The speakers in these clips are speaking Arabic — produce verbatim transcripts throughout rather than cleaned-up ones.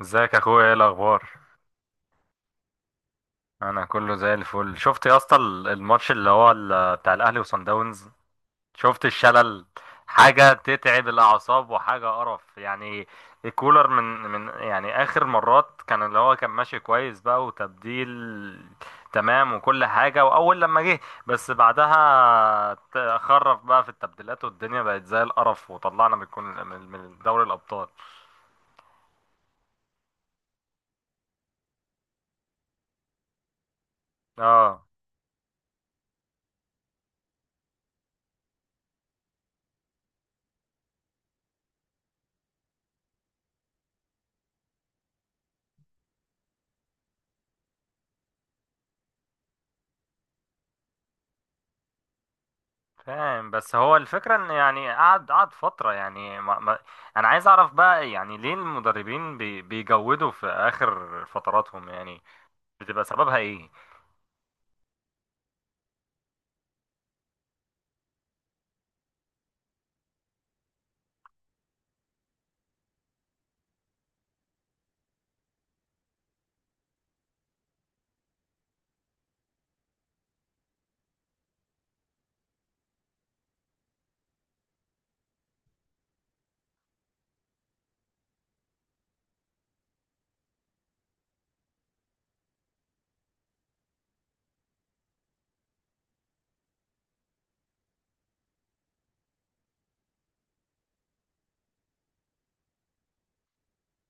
ازيك يا اخويا، ايه الاخبار؟ انا كله زي الفل. شفت يا اسطى ال- الماتش اللي هو ال- بتاع الاهلي وصن داونز؟ شفت الشلل. حاجه تتعب الاعصاب وحاجه قرف يعني. الكولر من من يعني اخر مرات، كان اللي هو كان ماشي كويس بقى وتبديل، تمام وكل حاجه، واول لما جه بس بعدها ت- خرف بقى في التبديلات، والدنيا بقت زي القرف وطلعنا من الكون- من من دوري الابطال. اه. فاهم، بس هو الفكرة ان يعني قعد قعد فترة، يعني ما ما. انا عايز اعرف بقى يعني ليه المدربين بي بيجودوا في اخر فتراتهم يعني. بتبقى سببها ايه؟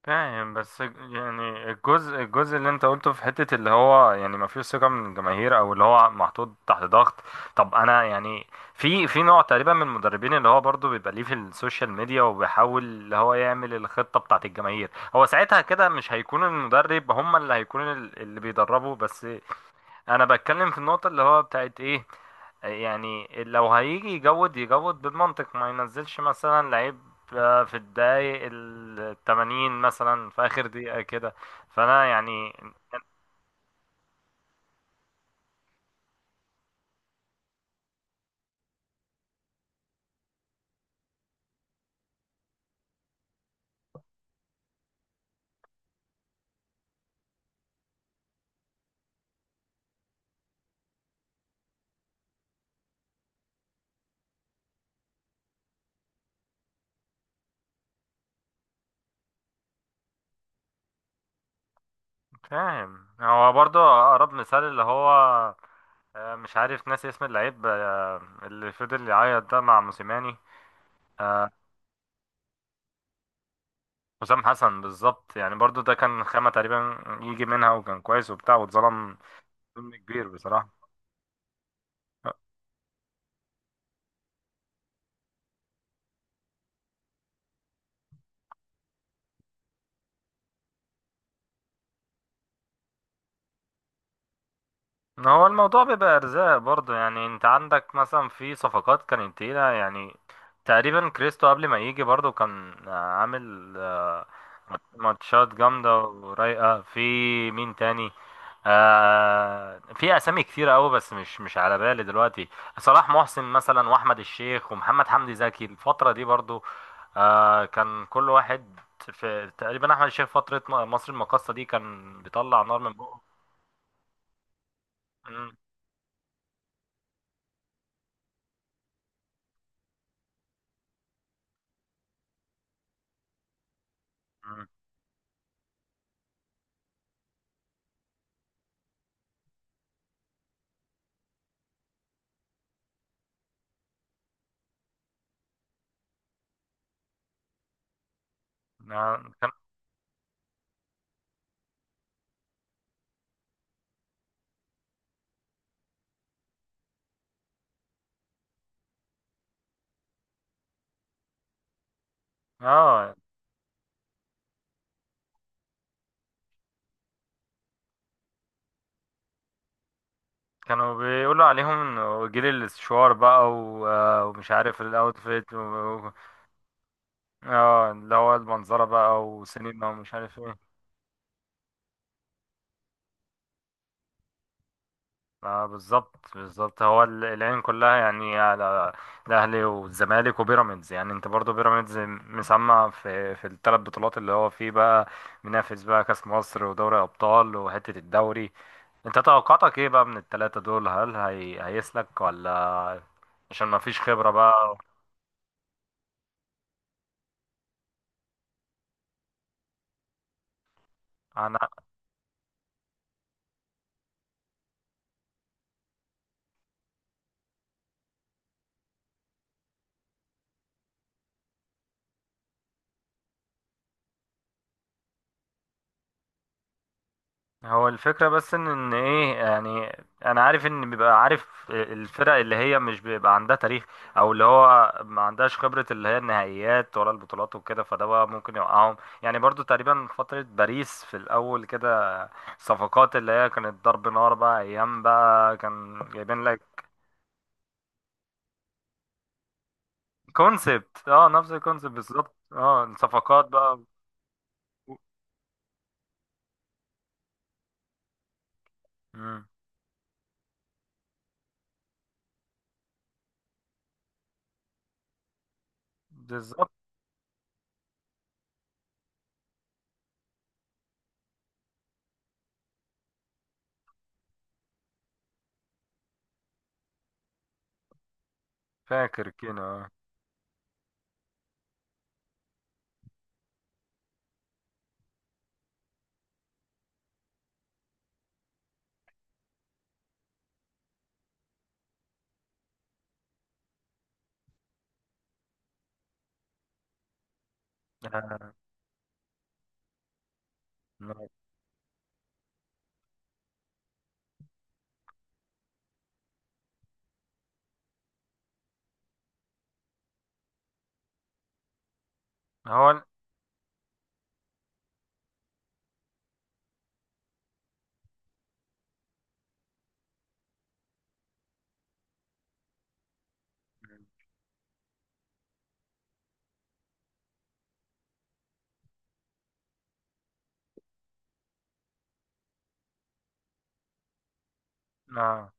فاهم، بس يعني الجزء الجزء اللي انت قلته في حتة اللي هو يعني ما فيش ثقة من الجماهير، او اللي هو محطوط تحت ضغط. طب انا يعني، في في نوع تقريبا من المدربين اللي هو برضو بيبقى ليه في السوشيال ميديا، وبيحاول اللي هو يعمل الخطة بتاعت الجماهير. هو ساعتها كده مش هيكون المدرب، هم اللي هيكون ال- اللي بيدربوا بس. انا بتكلم في النقطة اللي هو بتاعت ايه. يعني لو هيجي يجود، يجود بالمنطق، ما ينزلش مثلا لعيب آه، في الدقايق التمانين، مثلا في آخر دقيقة كده. فأنا يعني. فاهم، هو برضو أقرب مثال اللي هو آه، مش عارف، ناسي اسم اللعيب آه، اللي فضل يعيط ده مع موسيماني. آه، حسام حسن بالظبط، يعني برضو ده كان خامة تقريبا يجي منها، وكان كويس وبتاع، واتظلم. ظلم كبير بصراحة. ما هو الموضوع بيبقى ارزاق برضه، يعني انت عندك مثلا في صفقات كانت تقيلة يعني. تقريبا كريستو قبل ما يجي برضه كان عامل آه، ماتشات جامدة ورايقة في. مين تاني؟ آه في اسامي كتيرة قوي، بس مش مش على بالي دلوقتي. صلاح محسن مثلا، واحمد الشيخ، ومحمد حمدي زكي الفترة دي برضه. آه كان كل واحد في تقريبا، احمد الشيخ فترة مصر المقاصة دي كان بيطلع نار من بقه. آه، كان اه كانوا بيقولوا عليهم انه جيل السشوار بقى و آه، ومش عارف الاوتفيت و... و- اه اللي هو المنظره بقى، وسينما ومش عارف ايه. آه بالظبط، بالظبط، هو ال- العين كلها يعني على الاهلي والزمالك وبيراميدز، يعني انت برضو بيراميدز مسمع في في الثلاث بطولات اللي هو فيه بقى، منافس بقى كاس مصر، ودوري ابطال، وحته الدوري. انت توقعاتك ايه بقى من التلاتة دول؟ هل هي... هيسلك ولا؟ عشان ما فيش خبرة بقى. انا هو الفكرة بس ان ان ايه يعني. انا عارف ان بيبقى عارف الفرق اللي هي مش بيبقى عندها تاريخ، او اللي هو ما عندهاش خبرة، اللي هي النهائيات ولا البطولات وكده، فده بقى ممكن يوقعهم. يعني برضو تقريبا فترة باريس في الاول كده، صفقات اللي هي كانت ضرب نار بقى، ايام بقى كان جايبين لك كونسبت، اه نفس الكونسبت بالظبط، اه صفقات بقى. مم. بالظبط. فاكر كده. اه. آه. هو ال- اه.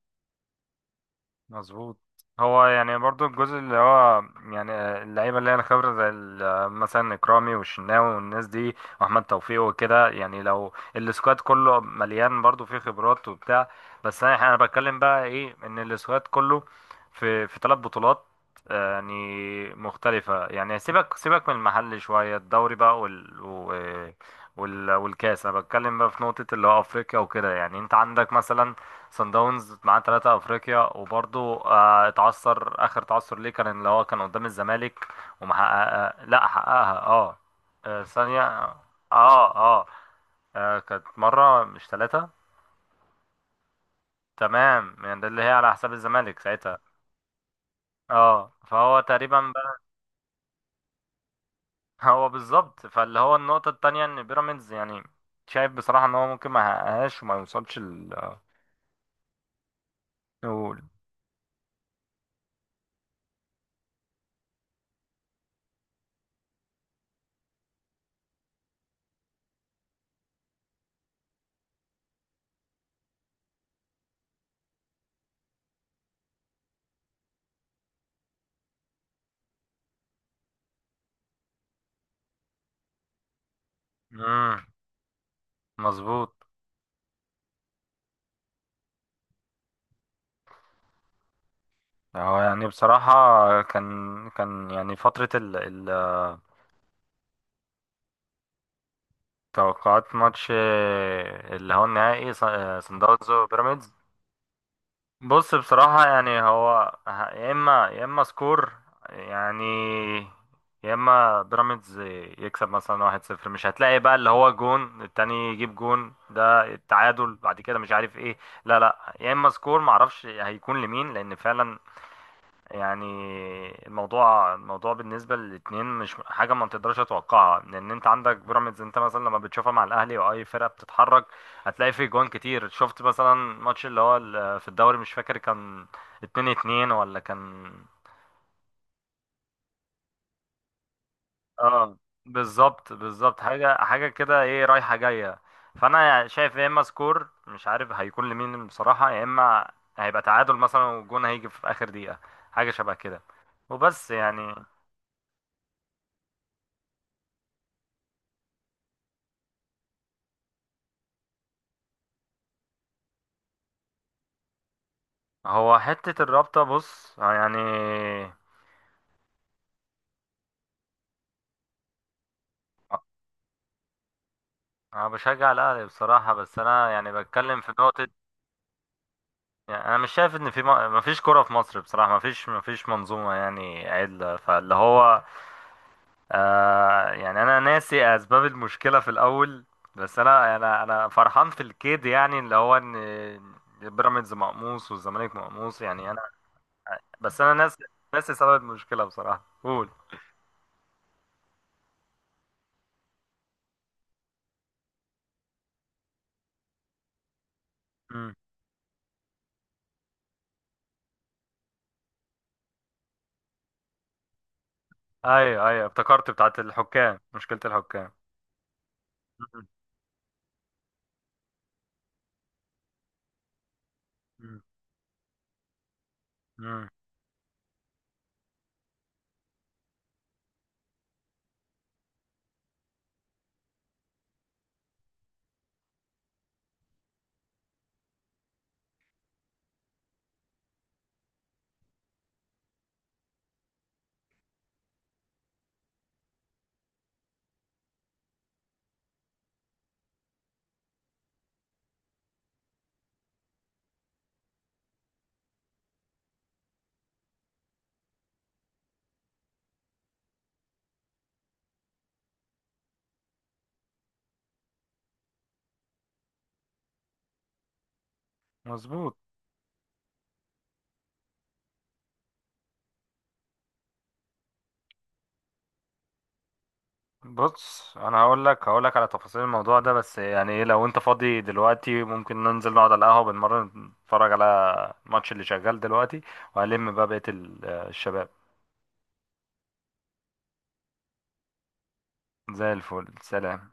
مظبوط. هو يعني برضو الجزء اللي هو، يعني اللعيبه اللي هي الخبره زي ال- آه، مثلا اكرامي والشناوي والناس دي، واحمد توفيق وكده، يعني لو السكواد كله مليان برضو فيه خبرات وبتاع. بس انا انا بتكلم بقى ايه، ان السكواد كله في في ثلاث بطولات آه، يعني مختلفه، يعني سيبك سيبك من المحل شويه الدوري بقى وال و- وال والكاس. انا بتكلم بقى في نقطه اللي هو افريقيا وكده، يعني انت عندك مثلا صن داونز معاه ثلاثة افريقيا، وبرضه آه اتعثر، اخر تعثر ليه كان اللي هو كان قدام الزمالك. ومحققها، لا حققها. اه. آه، ثانية. اه. اه. آه، آه، كانت مرة مش ثلاثة. تمام، يعني ده اللي هي على حساب الزمالك ساعتها. اه. فهو تقريبا بقى. هو بالظبط. فاللي هو النقطة التانية ان بيراميدز يعني، شايف بصراحة ان هو ممكن ما يحققهاش وما يوصلش ال. نقول. امم. مظبوط. هو يعني بصراحة كان كان يعني فترة ال ال توقعات ماتش اللي هو النهائي صن- صن داونز وبيراميدز. بص، بصراحة يعني هو ه- يا إما يا إما سكور، يعني، يا إما بيراميدز يكسب مثلا واحد صفر، مش هتلاقي بقى اللي هو جون التاني يجيب جون ده التعادل بعد كده مش عارف ايه. لا، لا، يا إما سكور معرفش هيكون لمين، لأن فعلا يعني، الموضوع الموضوع بالنسبة للاتنين مش حاجة ما تقدرش تتوقعها، لأن أنت عندك بيراميدز، أنت مثلا لما بتشوفها مع الأهلي وأي فرقة بتتحرك هتلاقي فيه جوان كتير. شفت مثلا ماتش اللي هو ال- في الدوري مش فاكر كان اتنين اتنين ولا كان؟ اه. بالظبط، بالظبط، حاجة حاجة كده، ايه رايحة جاية. فأنا شايف يا إما سكور مش عارف هيكون لمين بصراحة، يا إما هيبقى تعادل مثلا، والجون هيجي في آخر دقيقة، حاجة شبه كده وبس يعني. هو حتة الرابطة، بص، آه، يعني، أنا بشجع الأهلي بصراحة، بس أنا يعني بتكلم في نقطة. يعني أنا مش شايف إن في م... مفيش كرة في مصر بصراحة، مفيش مفيش منظومة يعني عدلة، فاللي هو آه يعني أنا ناسي أسباب المشكلة في الأول، بس أنا أنا أنا فرحان في الكيد، يعني اللي هو إن بيراميدز مقموص والزمالك مقموص، يعني أنا. بس أنا ناسي، ناسي سبب المشكلة بصراحة، قول. مم. أيوه، أيوه، افتكرت، بتاعت الحكام، مشكلة الحكام. مم. مم. مظبوط. بص، انا هقول لك هقول لك على تفاصيل الموضوع ده، بس يعني ايه، لو انت فاضي دلوقتي ممكن ننزل نقعد على القهوة بنمرن، نتفرج على الماتش اللي شغال دلوقتي، وهلم بقى بقية ال- الشباب. زي الفل. سلام.